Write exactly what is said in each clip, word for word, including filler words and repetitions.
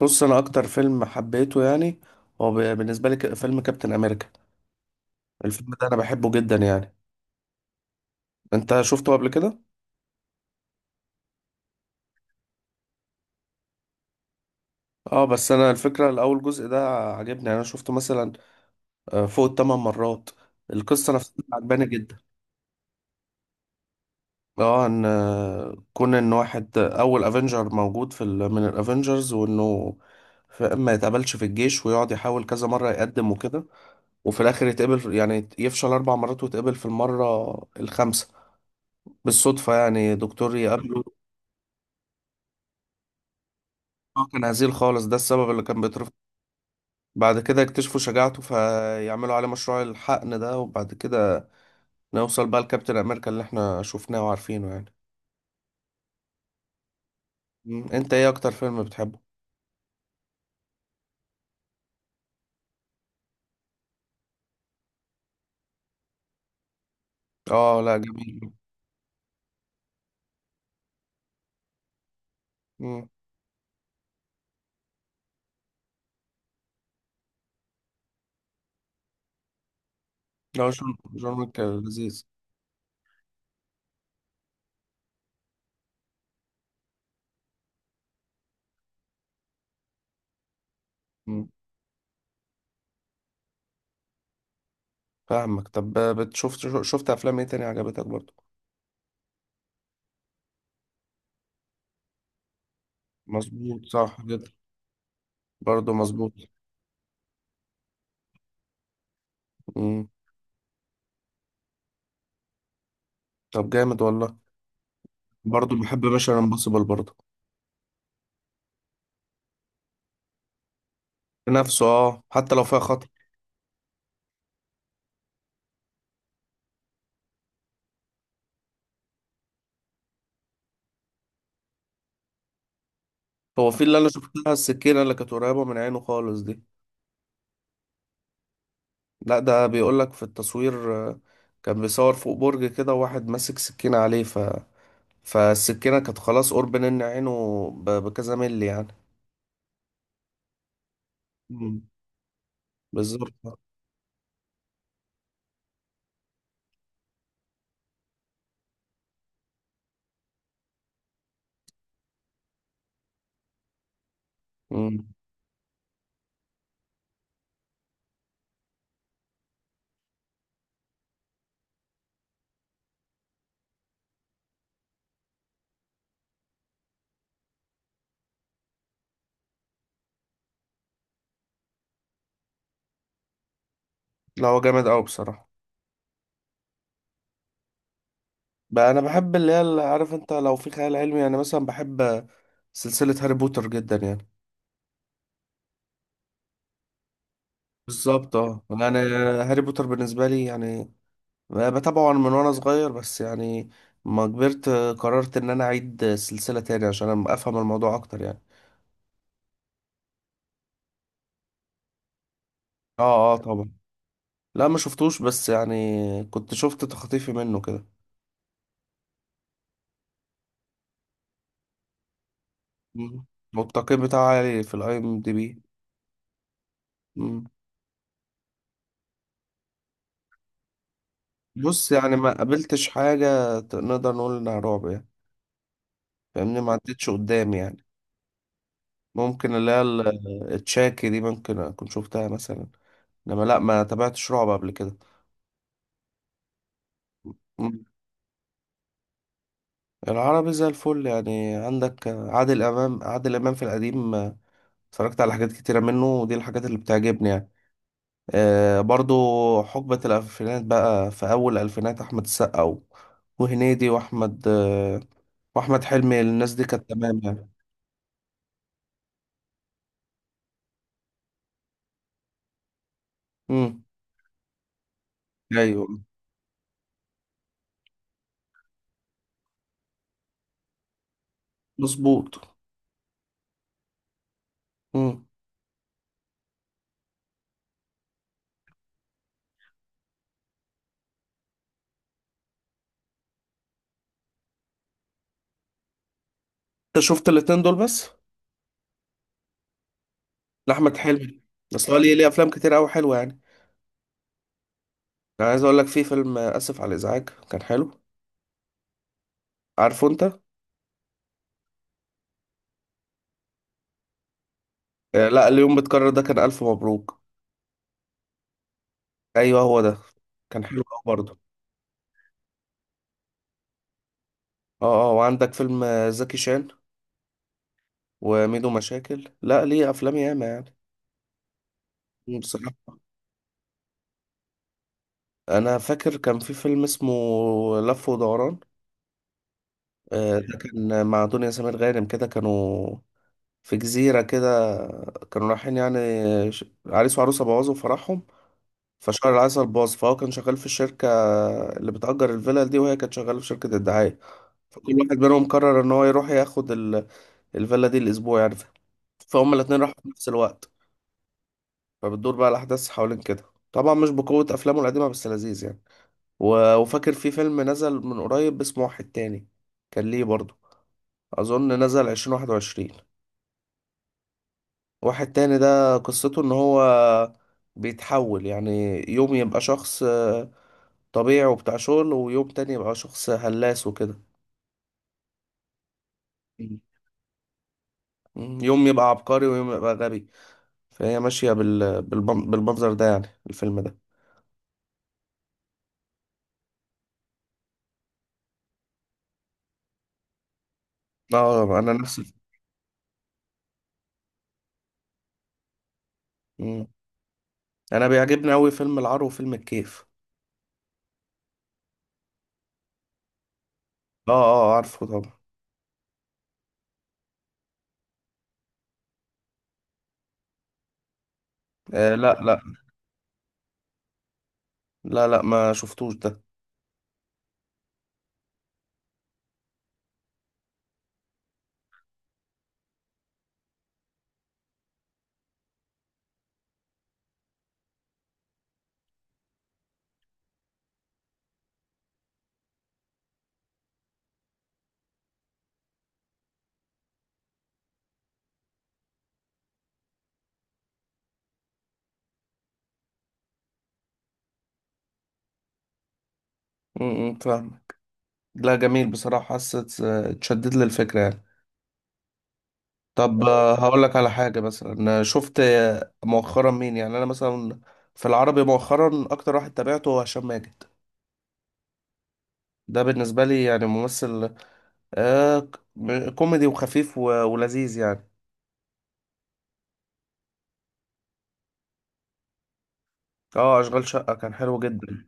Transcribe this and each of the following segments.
بص، انا اكتر فيلم حبيته يعني هو ب- بالنسبه لي ك- فيلم كابتن امريكا. الفيلم ده انا بحبه جدا يعني. انت شفته قبل كده؟ اه بس انا الفكره، الاول جزء ده عجبني يعني. انا شفته مثلا آه، فوق الثمان مرات. القصه نفسها عجباني جدا. اه ان آه، كون ان واحد اول افنجر موجود في ال- من الافنجرز، وانه ف- ما يتقبلش في الجيش ويقعد يحاول كذا مره يقدم وكده. وفي الاخر يتقبل في- يعني يفشل اربع مرات ويتقبل في المره الخامسه، بالصدفة يعني دكتور يقابله. هو كان هزيل خالص، ده السبب اللي كان بيترفض. بعد كده اكتشفوا شجاعته فيعملوا عليه مشروع الحقن ده، وبعد كده نوصل بقى لكابتن أمريكا اللي احنا شفناه وعارفينه يعني. مم. انت ايه أكتر فيلم بتحبه؟ اه، لا جميل. مم. لا، جون جون ويك لذيذ. مم. فاهمك. طب بتشوف شفت أفلام ايه تاني عجبتك برضه؟ مظبوط، صح جدا. برضه مظبوط. مم. طب جامد والله. برضه بحب ميشن امبوسيبل برضه. نفسه، اه، حتى لو فيها خطر. هو في اللي انا شفتها، السكينه اللي كانت قريبه من عينه خالص دي. لا، ده بيقول لك في التصوير، آه، كان بيصور فوق برج كده واحد ماسك سكينه عليه ف فالسكينه كانت خلاص قرب ان عينه ب... بكذا ملي يعني. مم. بالظبط. مم. لا، هو جامد قوي بصراحه. بقى انا بحب اللي هي اللي عارف انت، لو في خيال علمي يعني مثلا بحب سلسله هاري بوتر جدا يعني. بالظبط، اه يعني هاري بوتر بالنسبه لي يعني بتابعه من وانا صغير، بس يعني ما كبرت قررت ان انا اعيد السلسلة تاني عشان افهم الموضوع اكتر يعني. اه اه، طبعا. لا ما شفتوش، بس يعني كنت شفت تخطيفي منه كده. مم. والتقييم بتاعه عالي في الاي ام دي بي. مم. بص يعني ما قابلتش حاجة ت- نقدر نقول انها رعب يعني. فاهمني، ما عدتش قدامي يعني. ممكن اللي هي ال- التشاكي دي ممكن اكون شفتها مثلا، انما لا، ما تابعتش رعب قبل كده. العربي زي الفل يعني. عندك عادل امام، عادل امام في القديم اتفرجت على حاجات كتيره منه، ودي الحاجات اللي بتعجبني يعني. آه، برضو حقبه الالفينات بقى، في اول الالفينات احمد السقا و- وهنيدي واحمد آه، واحمد حلمي. الناس دي كانت تمام يعني. امم. ايوه، مظبوط. امم. انت شفت الاتنين دول بس؟ لاحمد حلمي؟ بس هو ليه ليه افلام كتير قوي حلوه يعني. انا عايز اقول لك، في فيلم اسف على الازعاج كان حلو. عارفه انت؟ آه، لا، اليوم بتكرر ده كان الف مبروك. ايوه، هو ده. كان حلو قوي برضه. اه اه، وعندك فيلم آه، زكي شان وميدو مشاكل. لا ليه افلام ياما يعني. بصراحه، انا فاكر كان في فيلم اسمه لف ودوران. آه، ده كان مع دنيا سمير غانم. كده كانوا في جزيره كده، كانوا رايحين يعني ش- عريس وعروسه بوظوا فرحهم. فشهر العسل باظ، فهو كان شغال في الشركه اللي بتأجر الفيلا دي، وهي كانت شغاله في شركه الدعايه. فكل واحد منهم قرر ان هو يروح ياخد الفيلا دي الأسبوع يعني، فهم الاتنين راحوا في نفس الوقت. فبتدور بقى الأحداث حوالين كده. طبعا مش بقوة أفلامه القديمة، بس لذيذ يعني. و- وفاكر في فيلم نزل من قريب اسمه واحد تاني، كان ليه برضه. أظن نزل عشرين واحد وعشرين. واحد تاني ده قصته إن هو بيتحول يعني، يوم يبقى شخص آه، طبيعي وبتاع شغل، ويوم تاني يبقى شخص هلاس وكده. مم. مم. يوم يبقى عبقري ويوم يبقى غبي. فهي ماشية بال... بالمن- بالمنظر ده يعني الفيلم ده. اه، انا نفس. مم. انا بيعجبني قوي فيلم العار وفيلم الكيف. اه اه، عارفه طبعا. آه، لا لا. لا لا، ما شفتوش ده. امم، فاهم. لا جميل بصراحة، حسيت آه، اتشدد للفكرة يعني. طب، آه، هقول لك على حاجة مثلا. آه، شفت آه، مؤخرا مين يعني انا مثلا؟ في العربي مؤخرا اكتر واحد تابعته هو هشام ماجد. ده بالنسبة لي يعني ممثل آه ك- كوميدي وخفيف و- ولذيذ يعني. اه، اشغال شقة كان حلو جدا.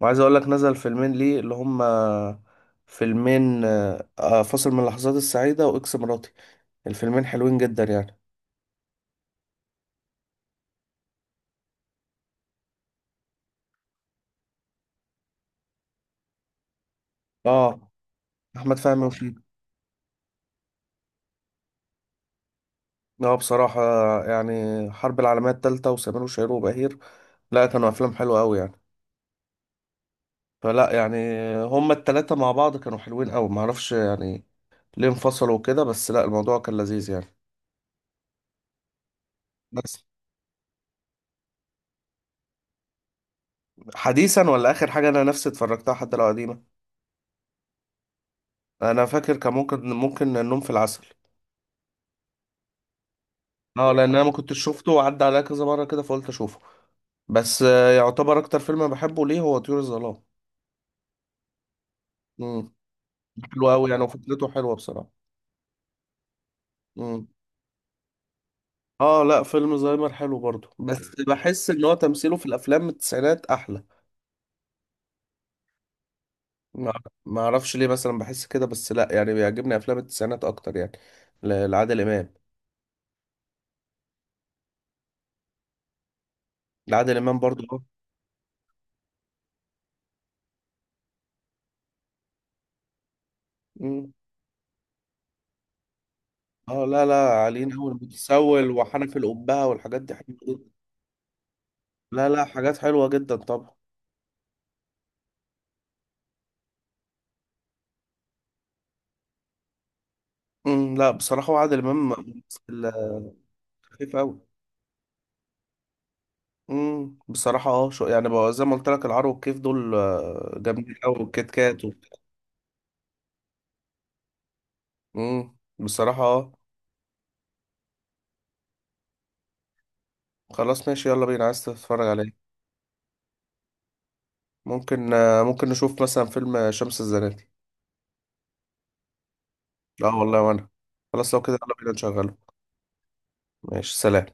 وعايز اقول لك نزل فيلمين ليه، اللي هما فيلمين آه، آه، فاصل من اللحظات السعيدة واكس مراتي. الفيلمين حلوين جدا يعني. اه، احمد فهمي وشيكو. اه بصراحة يعني حرب العالمية التالتة وسمير وشهير وبهير، لا كانوا افلام حلوة قوي يعني. فلا يعني، هما التلاتة مع بعض كانوا حلوين قوي. معرفش يعني ليه انفصلوا كده، بس لا، الموضوع كان لذيذ يعني. بس حديثا ولا اخر حاجة انا نفسي اتفرجتها حتى لو قديمة، انا فاكر كان ممكن ممكن النوم في العسل. اه، لان انا ما كنتش شفته وعدى عليا كذا مره كده فقلت اشوفه. بس آه، يعتبر اكتر فيلم أنا بحبه ليه هو طيور الظلام. امم. حلو قوي يعني، وفكرته حلوه بصراحه. امم. اه لا، فيلم زهايمر حلو برضه، بس بحس ان هو تمثيله في الافلام من التسعينات احلى. ما ما اعرفش ليه مثلا بحس كده، بس لا يعني بيعجبني افلام التسعينات اكتر يعني ل- لعادل امام. لعادل امام برضه اه. مم. اه لا لا، علينا اول متسول وحنف القبهه والحاجات دي حلوه جدا. لا لا، حاجات حلوه جدا طبعا. امم، لا بصراحة وعادل إمام ممثل خفيف أوي. امم بصراحة اه، شو يعني بقى، زي ما قلت لك العرو والكيف دول آه، جامدين أوي والكيت كات. امم بصراحة اه. خلاص ماشي، يلا بينا. عايز تتفرج عليه؟ ممكن آه، ممكن نشوف مثلا فيلم شمس الزناتي. اه والله، وأنا خلاص لو كده يلا بينا نشغله. ماشي، سلام.